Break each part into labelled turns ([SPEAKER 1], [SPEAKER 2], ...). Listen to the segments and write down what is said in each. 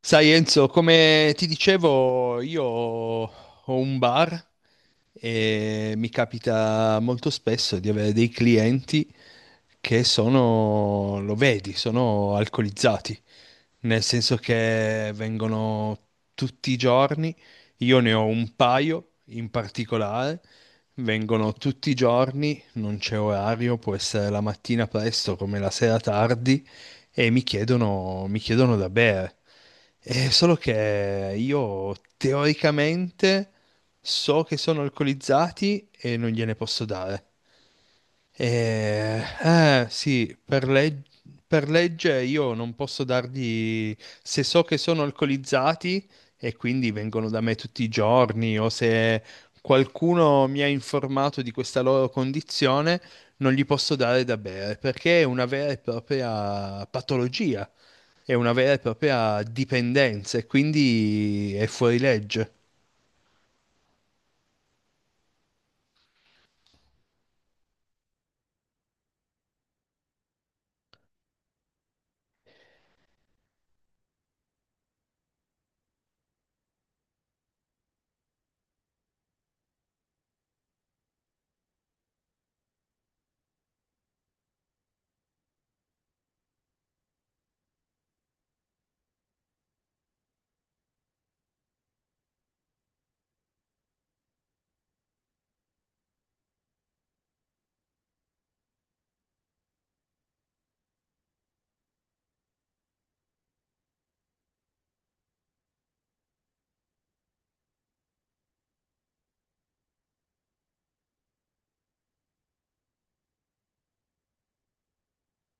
[SPEAKER 1] Sai Enzo, come ti dicevo, io ho un bar e mi capita molto spesso di avere dei clienti che sono, lo vedi, sono alcolizzati nel senso che vengono tutti i giorni, io ne ho un paio in particolare, vengono tutti i giorni, non c'è orario, può essere la mattina presto come la sera tardi, e mi chiedono da bere. È solo che io teoricamente so che sono alcolizzati e non gliene posso dare. Sì, per legge io non posso dargli, se so che sono alcolizzati e quindi vengono da me tutti i giorni o se qualcuno mi ha informato di questa loro condizione, non gli posso dare da bere perché è una vera e propria patologia, è una vera e propria dipendenza e quindi è fuori legge.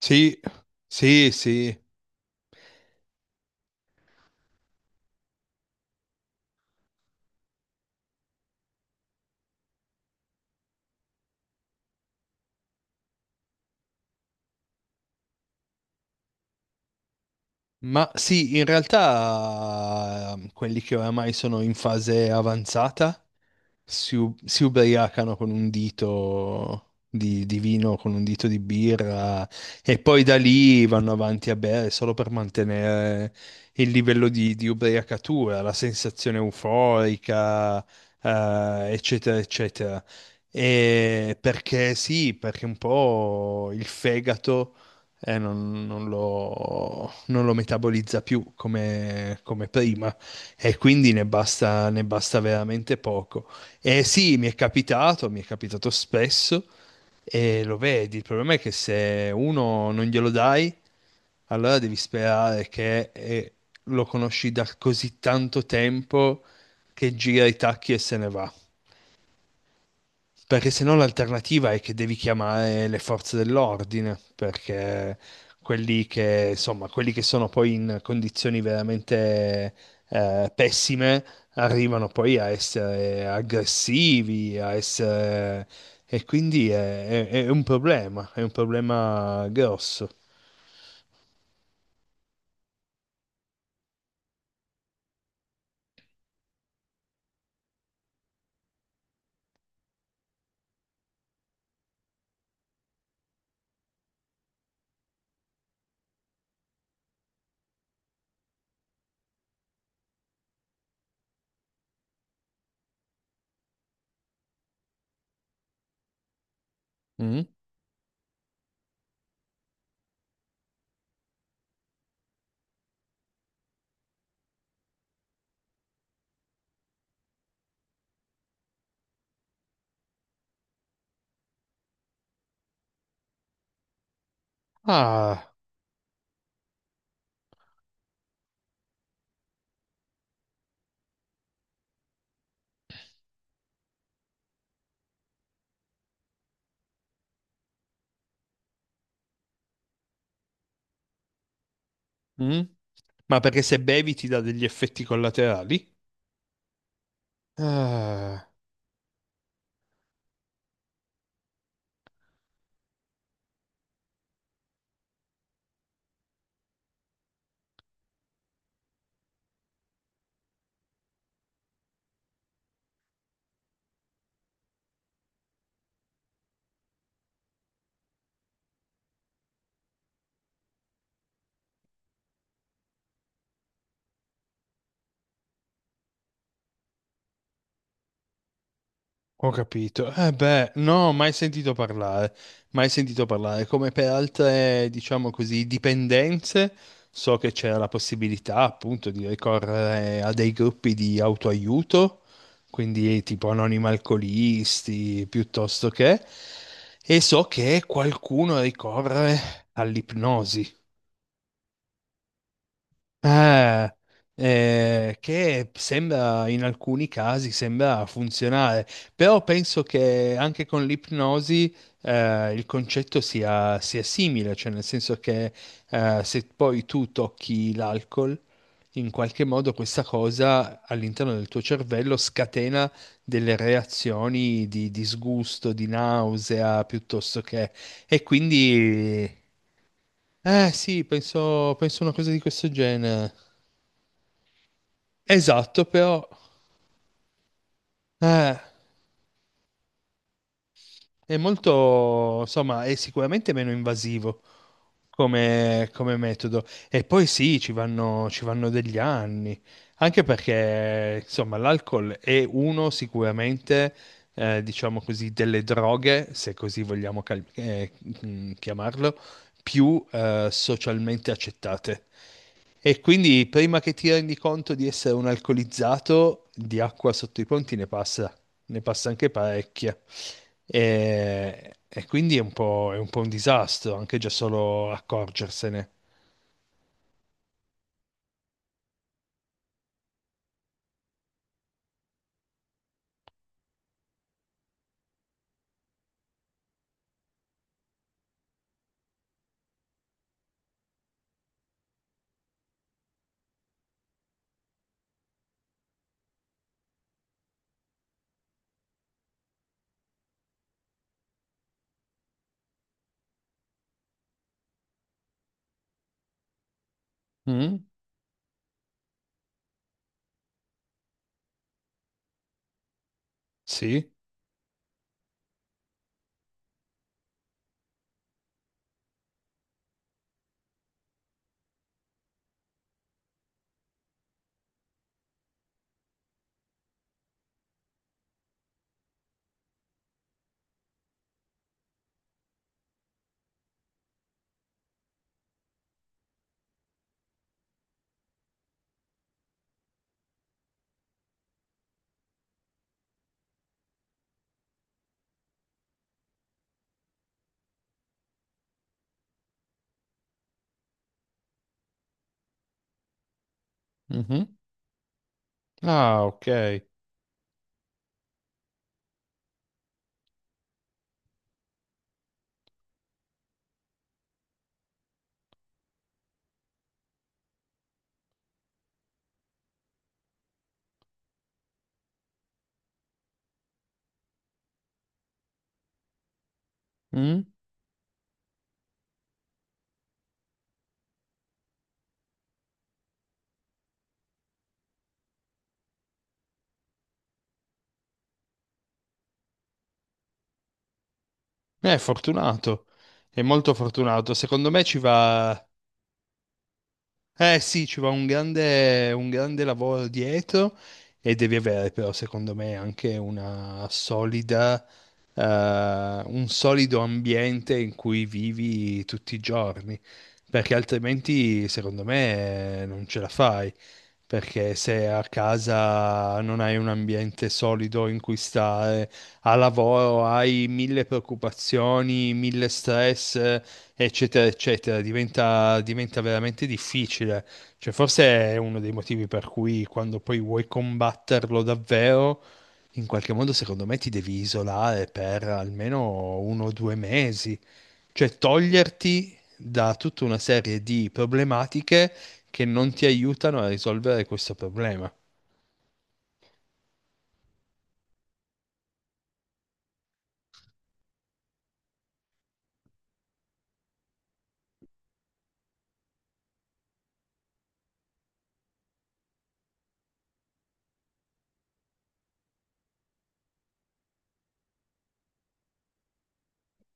[SPEAKER 1] Sì, sì, sì. Ma sì, in realtà quelli che oramai sono in fase avanzata si, si ubriacano con un dito di vino, con un dito di birra e poi da lì vanno avanti a bere solo per mantenere il livello di ubriacatura, la sensazione euforica, eccetera, eccetera. E perché sì, perché un po' il fegato non lo metabolizza più come, come prima e quindi ne basta veramente poco. E sì, mi è capitato spesso e lo vedi. Il problema è che se uno non glielo dai, allora devi sperare che lo conosci da così tanto tempo che gira i tacchi e se ne va. Perché se no l'alternativa è che devi chiamare le forze dell'ordine, perché quelli che sono poi in condizioni veramente pessime arrivano poi a essere aggressivi, a essere... E quindi è un problema, è un problema grosso. Mm? Ah, mm? Ma perché se bevi ti dà degli effetti collaterali? Ah. Ho capito. Eh beh, no, mai sentito parlare. Come per altre, diciamo così, dipendenze, so che c'era la possibilità appunto di ricorrere a dei gruppi di autoaiuto, quindi tipo anonimi alcolisti, piuttosto che, e so che qualcuno ricorre all'ipnosi. Eh, che sembra in alcuni casi sembra funzionare, però penso che anche con l'ipnosi il concetto sia simile, cioè nel senso che se poi tu tocchi l'alcol, in qualche modo questa cosa all'interno del tuo cervello scatena delle reazioni di disgusto, di nausea, piuttosto che... E quindi... Eh sì, penso una cosa di questo genere. Esatto, però eh, è molto, insomma, è sicuramente meno invasivo come, come metodo. E poi sì, ci vanno degli anni, anche perché, insomma, l'alcol è uno sicuramente, diciamo così, delle droghe, se così vogliamo chiamarlo, più socialmente accettate. E quindi prima che ti rendi conto di essere un alcolizzato, di acqua sotto i ponti ne passa anche parecchia. E quindi è un po' un disastro anche già solo accorgersene. Mm? Sì? Mhm. Ah, ok. Mm? È fortunato, è molto fortunato. Secondo me ci va. Eh sì, ci va un grande lavoro dietro e devi avere però secondo me anche una solida, eh, un solido ambiente in cui vivi tutti i giorni, perché altrimenti secondo me non ce la fai, perché se a casa non hai un ambiente solido in cui stare, a lavoro hai mille preoccupazioni, mille stress eccetera, eccetera, diventa veramente difficile. Cioè, forse è uno dei motivi per cui quando poi vuoi combatterlo davvero, in qualche modo, secondo me, ti devi isolare per almeno uno o due mesi, cioè toglierti da tutta una serie di problematiche che non ti aiutano a risolvere questo problema.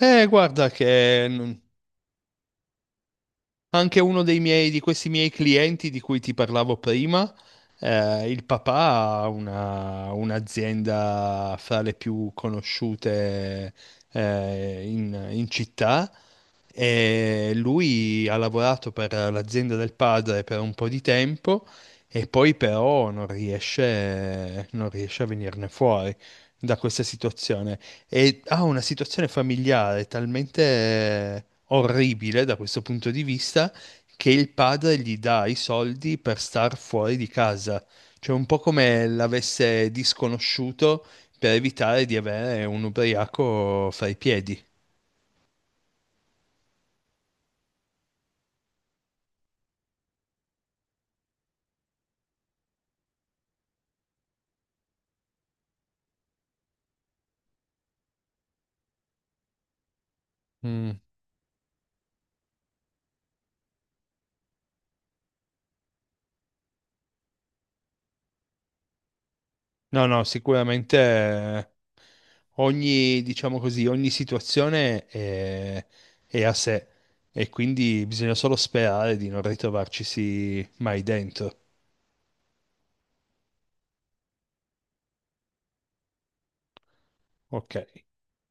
[SPEAKER 1] Guarda che non, anche uno dei miei, di questi miei clienti di cui ti parlavo prima, il papà ha un'azienda fra le più conosciute, in città e lui ha lavorato per l'azienda del padre per un po' di tempo e poi però non riesce a venirne fuori da questa situazione e ha una situazione familiare talmente orribile da questo punto di vista che il padre gli dà i soldi per star fuori di casa, cioè un po' come l'avesse disconosciuto per evitare di avere un ubriaco fra i piedi. Mm. No, no, sicuramente ogni, diciamo così, ogni situazione è a sé e quindi bisogna solo sperare di non ritrovarcisi mai dentro. Ok.